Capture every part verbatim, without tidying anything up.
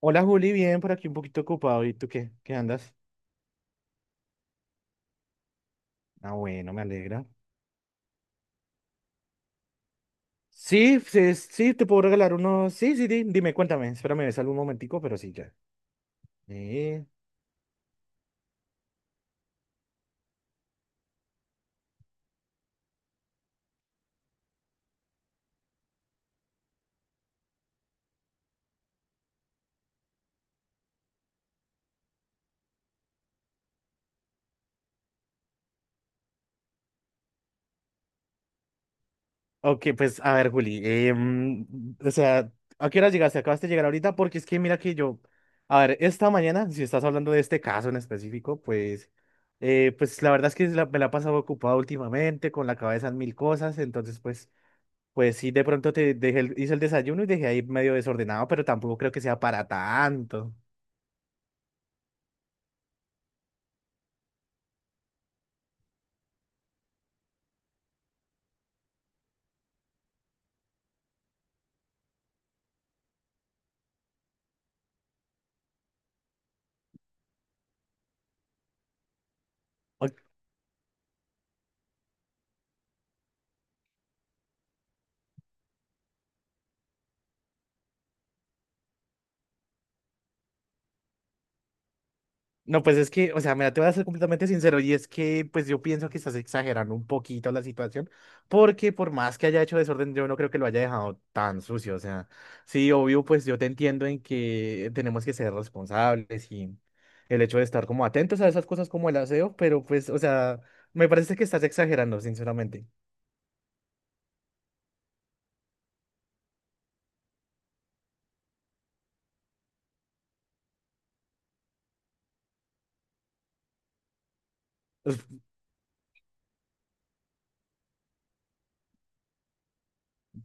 Hola Juli, bien, por aquí un poquito ocupado. ¿Y tú qué? ¿Qué andas? Ah, bueno, me alegra. Sí, sí, sí, te puedo regalar uno. Sí, sí, di- dime, cuéntame. Espérame, ves algún momentico, pero sí, ya. Eh, Ok, pues a ver, Juli. eh, mm, o sea, ¿a qué hora llegaste? ¿Acabaste de llegar ahorita? Porque es que mira que yo. A ver, esta mañana, si estás hablando de este caso en específico, pues. Eh, pues la verdad es que la- me la he pasado ocupado últimamente, con la cabeza en mil cosas. Entonces, pues. Pues sí, de pronto te dejé el- hice el desayuno y dejé ahí medio desordenado, pero tampoco creo que sea para tanto. O- No, pues es que, o sea, mira, te voy a ser completamente sincero y es que, pues yo pienso que estás exagerando un poquito la situación, porque por más que haya hecho desorden, yo no creo que lo haya dejado tan sucio. O sea, sí, obvio, pues yo te entiendo en que tenemos que ser responsables y el hecho de estar como atentos a esas cosas como el aseo, pero pues, o sea, me parece que estás exagerando, sinceramente.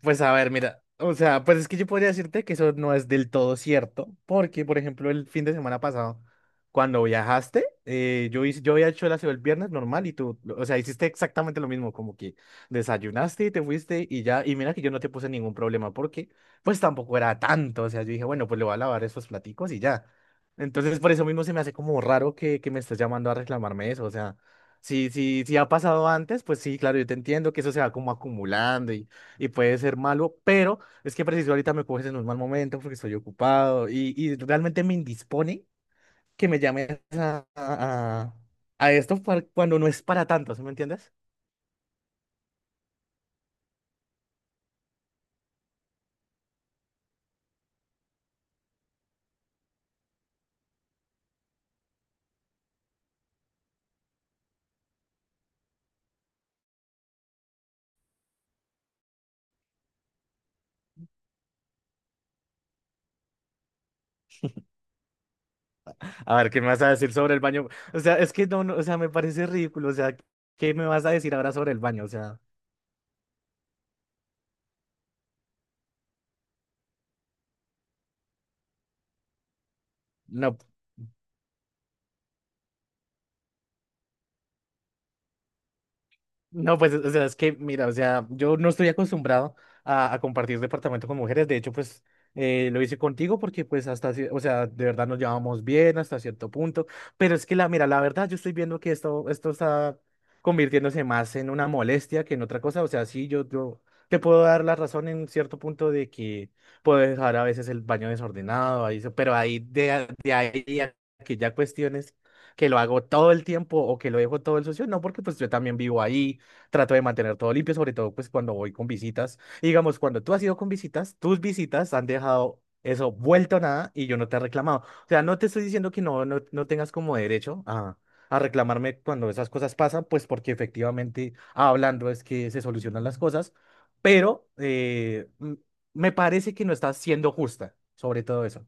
Pues a ver, mira, o sea, pues es que yo podría decirte que eso no es del todo cierto, porque, por ejemplo, el fin de semana pasado, cuando viajaste, eh, yo hice, yo había hecho el aseo el viernes normal y tú, o sea, hiciste exactamente lo mismo, como que desayunaste y te fuiste y ya, y mira que yo no te puse ningún problema, porque pues tampoco era tanto, o sea, yo dije, bueno, pues le voy a lavar esos platicos y ya. Entonces, por eso mismo se me hace como raro que, que me estés llamando a reclamarme eso, o sea, si, si, si ha pasado antes, pues sí, claro, yo te entiendo que eso se va como acumulando y puede ser malo, pero es que preciso ahorita me coges en un mal momento porque estoy ocupado y, y realmente me indispone que me llames a, a, a esto para- cuando no es para tanto, ¿sí me entiendes? A ver, ¿qué me vas a decir sobre el baño? O sea, es que no, no, o sea, me parece ridículo, o sea, ¿qué me vas a decir ahora sobre el baño? O sea, no. No, pues, o sea, es que, mira, o sea, yo no estoy acostumbrado a, a compartir departamento con mujeres. De hecho, pues, eh, lo hice contigo porque, pues, hasta, ci- o sea, de verdad nos llevamos bien hasta cierto punto. Pero es que, la, mira, la verdad, yo estoy viendo que esto, esto está convirtiéndose más en una molestia que en otra cosa. O sea, sí, yo, yo te puedo dar la razón en cierto punto de que puedo dejar a veces el baño desordenado, ahí, eso, pero ahí, de, a- de ahí a que ya cuestiones que lo hago todo el tiempo o que lo dejo todo el socio, no, porque, pues, yo también vivo ahí. Trato de mantener todo limpio, sobre todo pues cuando voy con visitas. Y digamos, cuando tú has ido con visitas, tus visitas han dejado eso vuelto a nada y yo no te he reclamado. O sea, no te estoy diciendo que no, no, no tengas como derecho a, a reclamarme cuando esas cosas pasan, pues porque efectivamente hablando es que se solucionan las cosas, pero eh, m- me parece que no estás siendo justa sobre todo eso.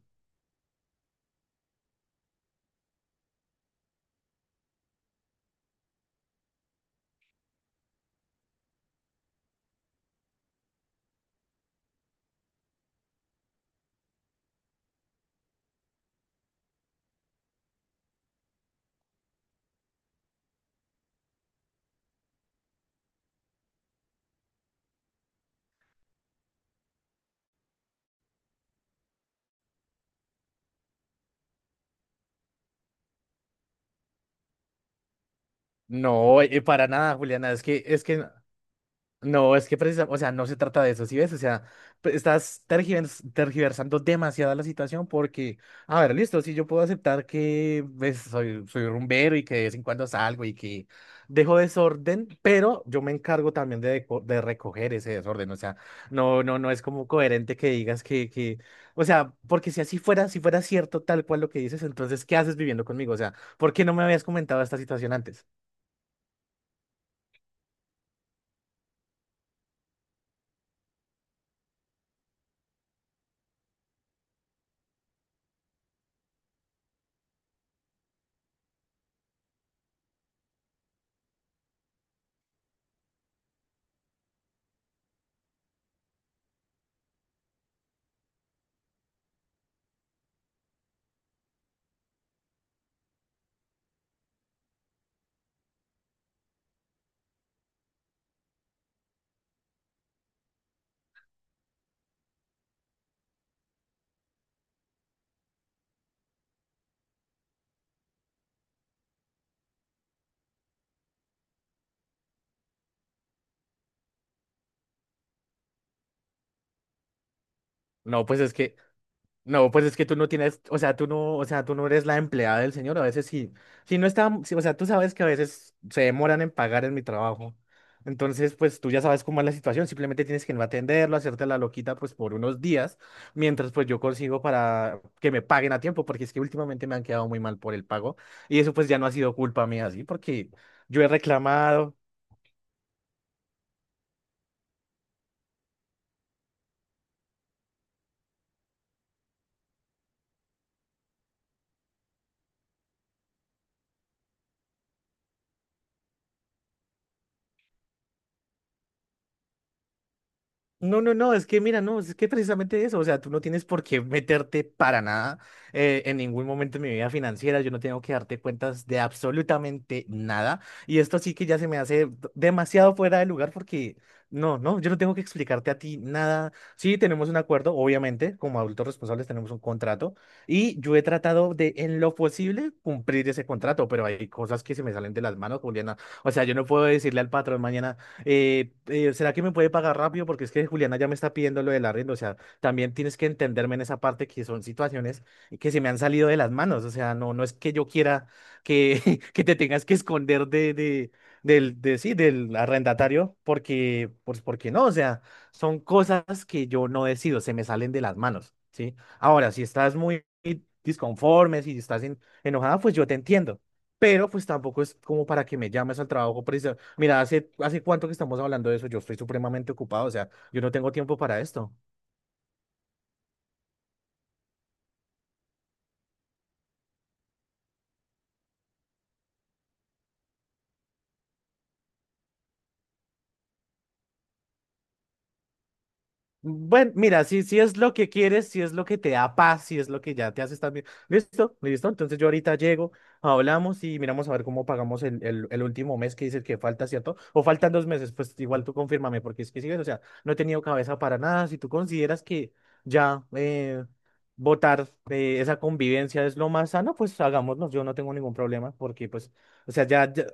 No, eh, para nada, Juliana, es que, es que... No, es que precisamente, o sea, no se trata de eso, ¿sí ves? O sea, pe- estás tergivers- tergiversando demasiado la situación porque, a ver, listo, si yo puedo aceptar que ves soy, soy rumbero y que de vez en cuando salgo y que dejo desorden, pero yo me encargo también de, deco- de recoger ese desorden, o sea, no, no, no es como coherente que digas que, que, o sea, porque si así fuera, si fuera cierto tal cual lo que dices, entonces, ¿qué haces viviendo conmigo? O sea, ¿por qué no me habías comentado esta situación antes? No, pues es que. No, pues es que tú no tienes, o sea, tú no, o sea, tú no eres la empleada del señor, a veces sí, si no está, sí, o sea, tú sabes que a veces se demoran en pagar en mi trabajo. Entonces, pues tú ya sabes cómo es la situación, simplemente tienes que no atenderlo, hacerte la loquita pues por unos días, mientras pues yo consigo para que me paguen a tiempo, porque es que últimamente me han quedado muy mal por el pago y eso pues ya no ha sido culpa mía, así, porque yo he reclamado. No, no, no, es que mira, no, es que precisamente eso, o sea, tú no tienes por qué meterte para nada eh, en ningún momento de mi vida financiera, yo no tengo que darte cuentas de absolutamente nada, y esto sí que ya se me hace d- demasiado fuera de lugar porque, no, no, yo no tengo que explicarte a ti nada, sí, tenemos un acuerdo, obviamente, como adultos responsables tenemos un contrato, y yo he tratado de, en lo posible, cumplir ese contrato, pero hay cosas que se me salen de las manos, Juliana, o sea, yo no puedo decirle al patrón mañana eh, eh, ¿será que me puede pagar rápido? Porque es que Juliana ya me está pidiendo lo del arriendo. O sea, también tienes que entenderme en esa parte que son situaciones que se me han salido de las manos. O sea, no, no es que yo quiera que, que te tengas que esconder de, de, del, de, sí, del arrendatario, porque, pues, porque no. O sea, son cosas que yo no decido, se me salen de las manos, ¿sí? Ahora, si estás muy disconforme, si estás en- enojada, pues yo te entiendo. Pero pues tampoco es como para que me llames al trabajo preci- Mira, hace, hace cuánto que estamos hablando de eso, yo estoy supremamente ocupado, o sea, yo no tengo tiempo para esto. Mm, bueno, mira, si, si es lo que quieres, si es lo que te da paz, si es lo que ya te hace estar bien. Listo, listo. Entonces yo ahorita llego, hablamos y miramos a ver cómo pagamos el, el, el último mes que dices que falta, ¿cierto? O faltan dos meses, pues igual tú confírmame, porque es que sigues, o sea, no he tenido cabeza para nada. Si tú consideras que ya eh, votar eh, esa convivencia es lo más sano, pues hagámoslo, yo no tengo ningún problema, porque pues... O sea, ya, ya-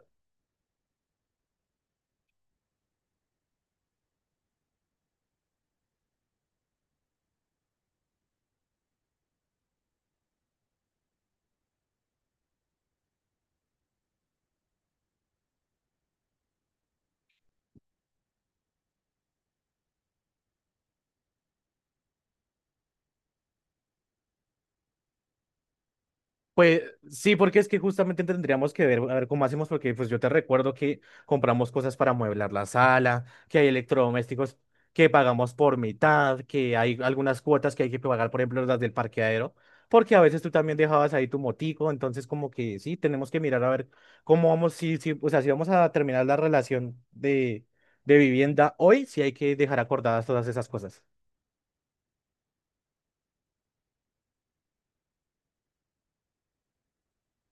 Pues sí, porque es que justamente tendríamos que ver, a ver cómo hacemos, porque pues yo te recuerdo que compramos cosas para amueblar la sala, que hay electrodomésticos que pagamos por mitad, que hay algunas cuotas que hay que pagar, por ejemplo, las del parqueadero, porque a veces tú también dejabas ahí tu motico, entonces como que sí, tenemos que mirar a ver cómo vamos, si, si, o sea, si vamos a terminar la relación de, de vivienda hoy, sí hay que dejar acordadas todas esas cosas.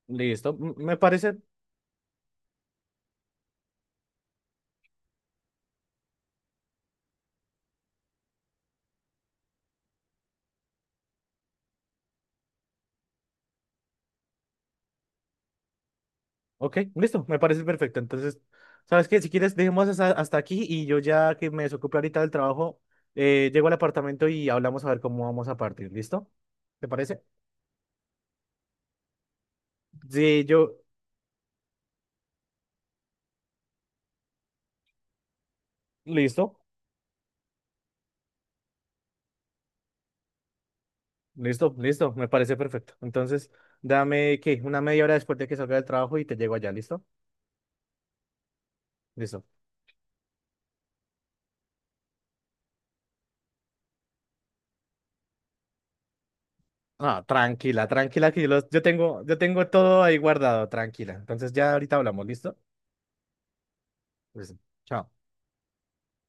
Listo, m- me parece. Ok, listo, me parece perfecto. Entonces, ¿sabes qué? Si quieres, dejemos hasta, hasta aquí y yo ya que me desocupe ahorita del trabajo, eh, llego al apartamento y hablamos a ver cómo vamos a partir. ¿Listo? ¿Te parece? Sí, yo, listo, listo, listo, me parece perfecto. Entonces, dame, ¿qué? Una media hora después de que salga del trabajo y te llego allá, ¿listo? Listo. Ah, tranquila, tranquila, que yo, los- yo tengo, yo tengo todo ahí guardado, tranquila. Entonces, ya ahorita hablamos, ¿listo? Listo. Chao.